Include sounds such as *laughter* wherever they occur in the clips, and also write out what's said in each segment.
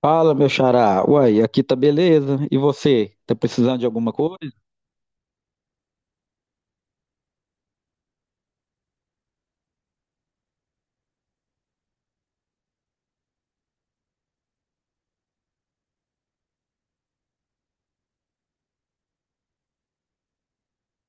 Fala, meu xará. Uai, aqui tá beleza. E você? Tá precisando de alguma coisa?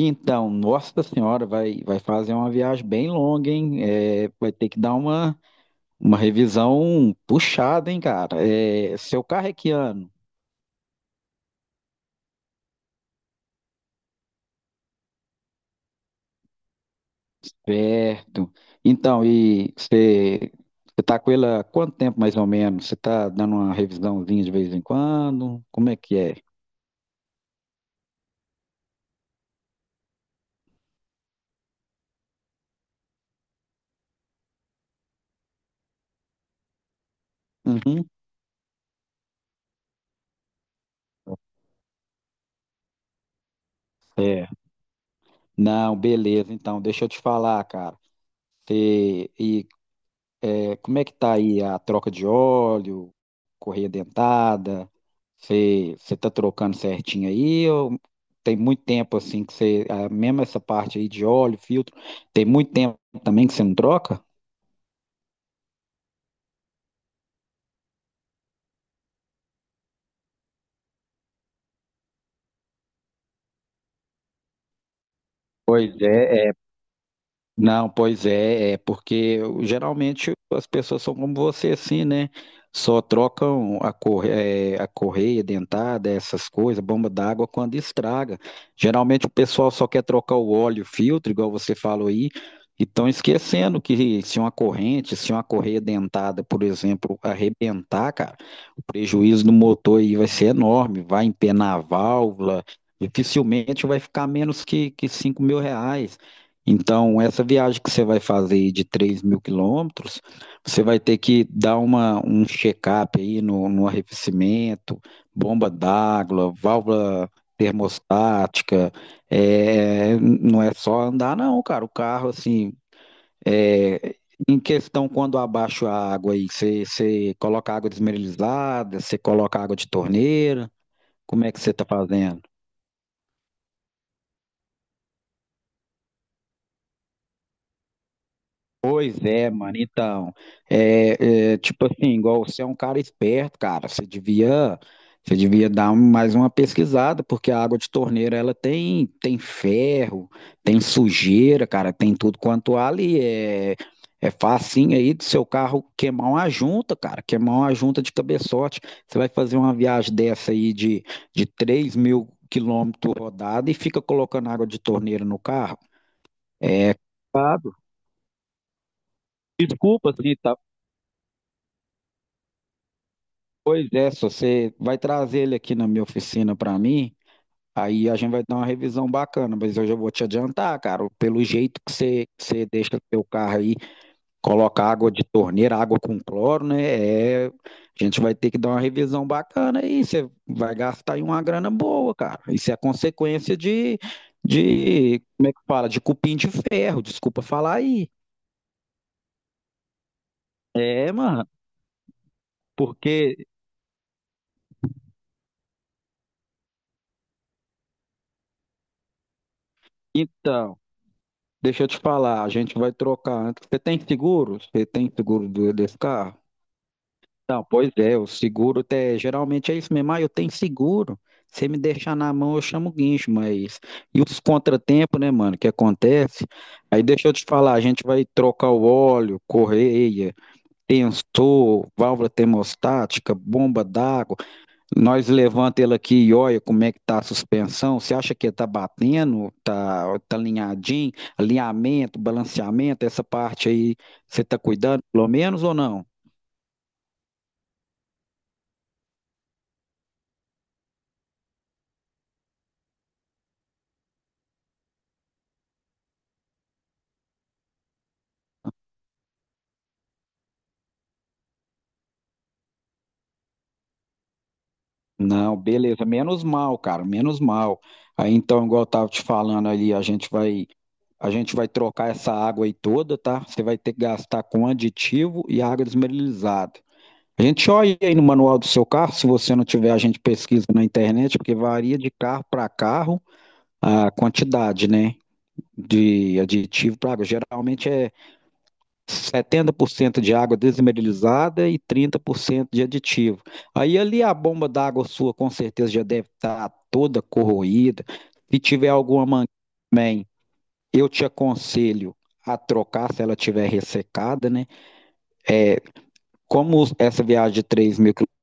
Então, nossa senhora, vai fazer uma viagem bem longa, hein? Vai ter que dar uma revisão puxada, hein, cara? Seu carro é que ano? Certo. Então, você tá com ele há quanto tempo, mais ou menos? Você tá dando uma revisãozinha de vez em quando? Como é que é? Uhum. É, não, beleza. Então, deixa eu te falar, cara. Você- E, como é que tá aí a troca de óleo, correia dentada? Você tá trocando certinho aí? Ou tem muito tempo assim que você, mesmo essa parte aí de óleo, filtro, tem muito tempo também que você não troca? Pois é, Não, pois é, é porque geralmente as pessoas são como você, assim, né? Só trocam a, a correia dentada, essas coisas, bomba d'água, quando estraga. Geralmente o pessoal só quer trocar o óleo, o filtro, igual você falou aí, e estão esquecendo que se uma corrente, se uma correia dentada, por exemplo, arrebentar, cara, o prejuízo do motor aí vai ser enorme, vai empenar a válvula, dificilmente vai ficar menos que R$ 5.000. Então, essa viagem que você vai fazer de 3 mil quilômetros, você vai ter que dar um check-up aí no arrefecimento, bomba d'água, válvula termostática. É, não é só andar, não, cara. O carro, assim, é, em questão, quando abaixa a água aí, você coloca água desmineralizada, você coloca água de torneira, como é que você está fazendo? Pois é, mano. Então, tipo assim, igual você é um cara esperto, cara, você devia mais uma pesquisada, porque a água de torneira ela tem ferro, tem sujeira, cara, tem tudo quanto há ali. É facinho aí do seu carro queimar uma junta, cara, queimar uma junta de cabeçote. Você vai fazer uma viagem dessa aí de 3 mil quilômetros rodada e fica colocando água de torneira no carro. É, complicado. Desculpa, assim, pois é, se você vai trazer ele aqui na minha oficina para mim, aí a gente vai dar uma revisão bacana, mas eu já vou te adiantar, cara, pelo jeito que você deixa seu carro aí, coloca água de torneira, água com cloro, né? É, a gente vai ter que dar uma revisão bacana aí, você vai gastar aí uma grana boa, cara. Isso é consequência como é que fala? De cupim de ferro, desculpa falar aí. É, mano, porque, então. Deixa eu te falar, a gente vai trocar antes. Você tem seguro? Você tem seguro desse carro? Não, pois é, o seguro até, geralmente é isso mesmo. Ah, eu tenho seguro. Se me deixar na mão, eu chamo o guincho, mas. E os contratempos, né, mano, que acontece? Aí deixa eu te falar, a gente vai trocar o óleo, correia, tensor, válvula termostática, bomba d'água. Nós levanta ele aqui e olha como é que tá a suspensão. Você acha que tá batendo? Tá alinhadinho? Alinhamento, balanceamento, essa parte aí, você tá cuidando pelo menos ou não? Não, beleza, menos mal, cara, menos mal. Aí então, igual eu tava te falando ali, a gente vai trocar essa água aí toda, tá? Você vai ter que gastar com aditivo e água desmineralizada. A gente olha aí no manual do seu carro, se você não tiver, a gente pesquisa na internet, porque varia de carro para carro a quantidade, né, de aditivo para água. Geralmente é 70% de água desmineralizada e 30% de aditivo. Aí ali a bomba d'água sua com certeza já deve estar toda corroída. Se tiver alguma mangueira também, eu te aconselho a trocar se ela tiver ressecada, né? Como essa viagem de 3 mil quilômetros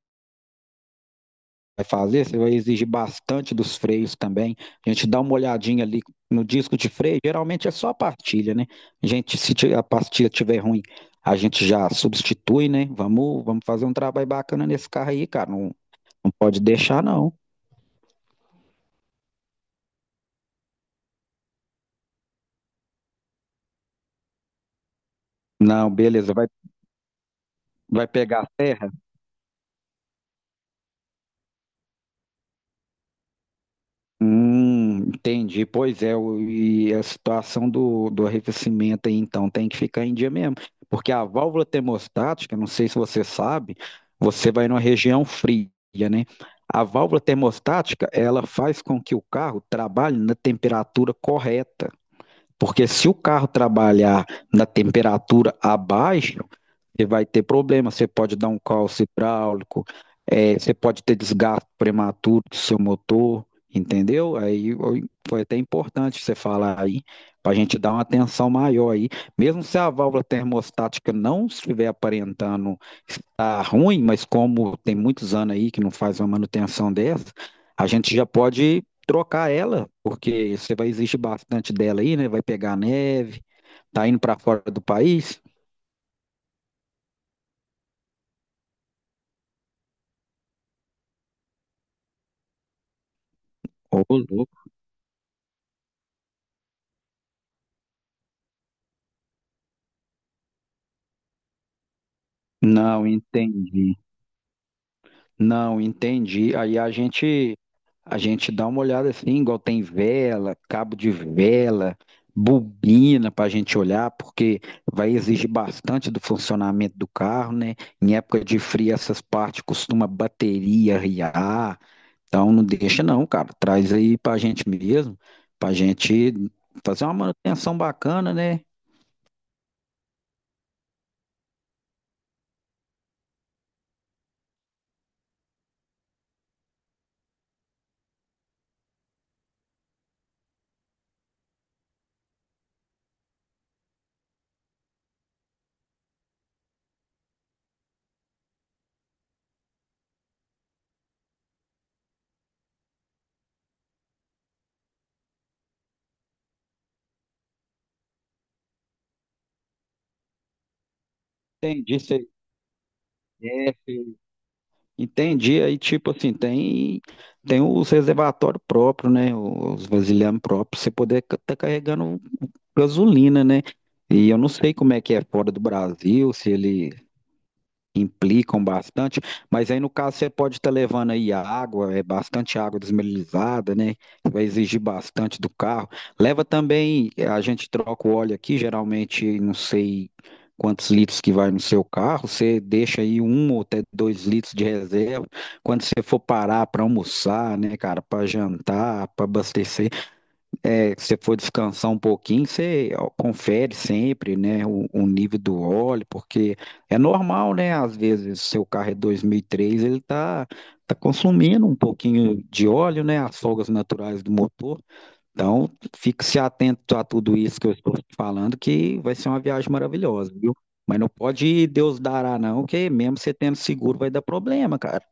vai fazer, você vai exigir bastante dos freios também. A gente dá uma olhadinha ali no disco de freio, geralmente é só a pastilha, né? A gente, se a pastilha tiver ruim, a gente já substitui, né? Vamos fazer um trabalho bacana nesse carro aí, cara. Não, não pode deixar, não. Não, beleza, vai, vai pegar a serra? Entendi. Pois é, e a situação do arrefecimento aí, então, tem que ficar em dia mesmo. Porque a válvula termostática, não sei se você sabe, você vai numa região fria, né? A válvula termostática, ela faz com que o carro trabalhe na temperatura correta. Porque se o carro trabalhar na temperatura abaixo você vai ter problema, você pode dar um calço hidráulico, você pode ter desgaste prematuro do seu motor, entendeu? Aí ó, foi até importante você falar aí, para a gente dar uma atenção maior aí. Mesmo se a válvula termostática não estiver aparentando estar ruim, mas como tem muitos anos aí que não faz uma manutenção dessa, a gente já pode trocar ela, porque você vai exigir bastante dela aí, né? Vai pegar neve, tá indo para fora do país. Ô, Não entendi. Não entendi. Aí a gente dá uma olhada assim, igual tem vela, cabo de vela, bobina para a gente olhar, porque vai exigir bastante do funcionamento do carro, né? Em época de frio essas partes costuma bateria riar, então não deixa não, cara. Traz aí para a gente mesmo, para a gente fazer uma manutenção bacana, né? Entendi, você Entendi. Aí, tipo assim, tem, tem os reservatórios próprios, né? Os vasilhames próprios, pra você poder tá carregando gasolina, né? E eu não sei como é que é fora do Brasil, se ele implicam bastante, mas aí no caso você pode estar levando aí a água, é bastante água desmineralizada, né? Vai exigir bastante do carro. Leva também, a gente troca o óleo aqui, geralmente não sei quantos litros que vai no seu carro, você deixa aí um ou até 2 litros de reserva quando você for parar para almoçar, né, cara, para jantar, para abastecer se você for descansar um pouquinho, você ó, confere sempre, né, o nível do óleo, porque é normal, né? Às vezes, seu carro é 2003, tá consumindo um pouquinho de óleo, né? As folgas naturais do motor. Então, fique-se atento a tudo isso que eu estou te falando, que vai ser uma viagem maravilhosa, viu? Mas não pode Deus dará, não, que mesmo você tendo seguro vai dar problema, cara.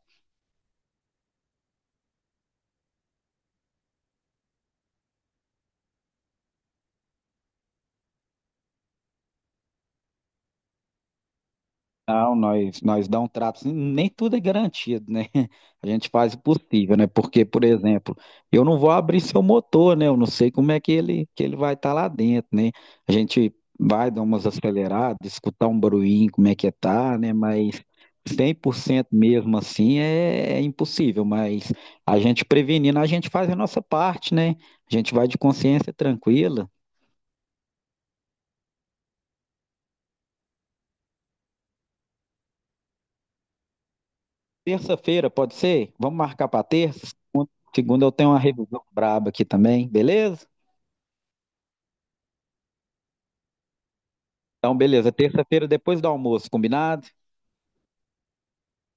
Não, nós dá um trato, assim, nem tudo é garantido, né? *laughs* A gente faz o possível, né? Porque, por exemplo, eu não vou abrir seu motor, né? Eu não sei como é que que ele vai estar lá dentro, né? A gente vai dar umas aceleradas, escutar um barulhinho, como é que tá, né? Mas 100% mesmo assim é impossível, mas a gente prevenindo, a gente faz a nossa parte, né? A gente vai de consciência tranquila. Terça-feira, pode ser? Vamos marcar para terça? Segunda eu tenho uma revisão braba aqui também, beleza? Então, beleza. Terça-feira depois do almoço, combinado?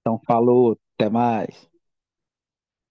Então, falou, até mais.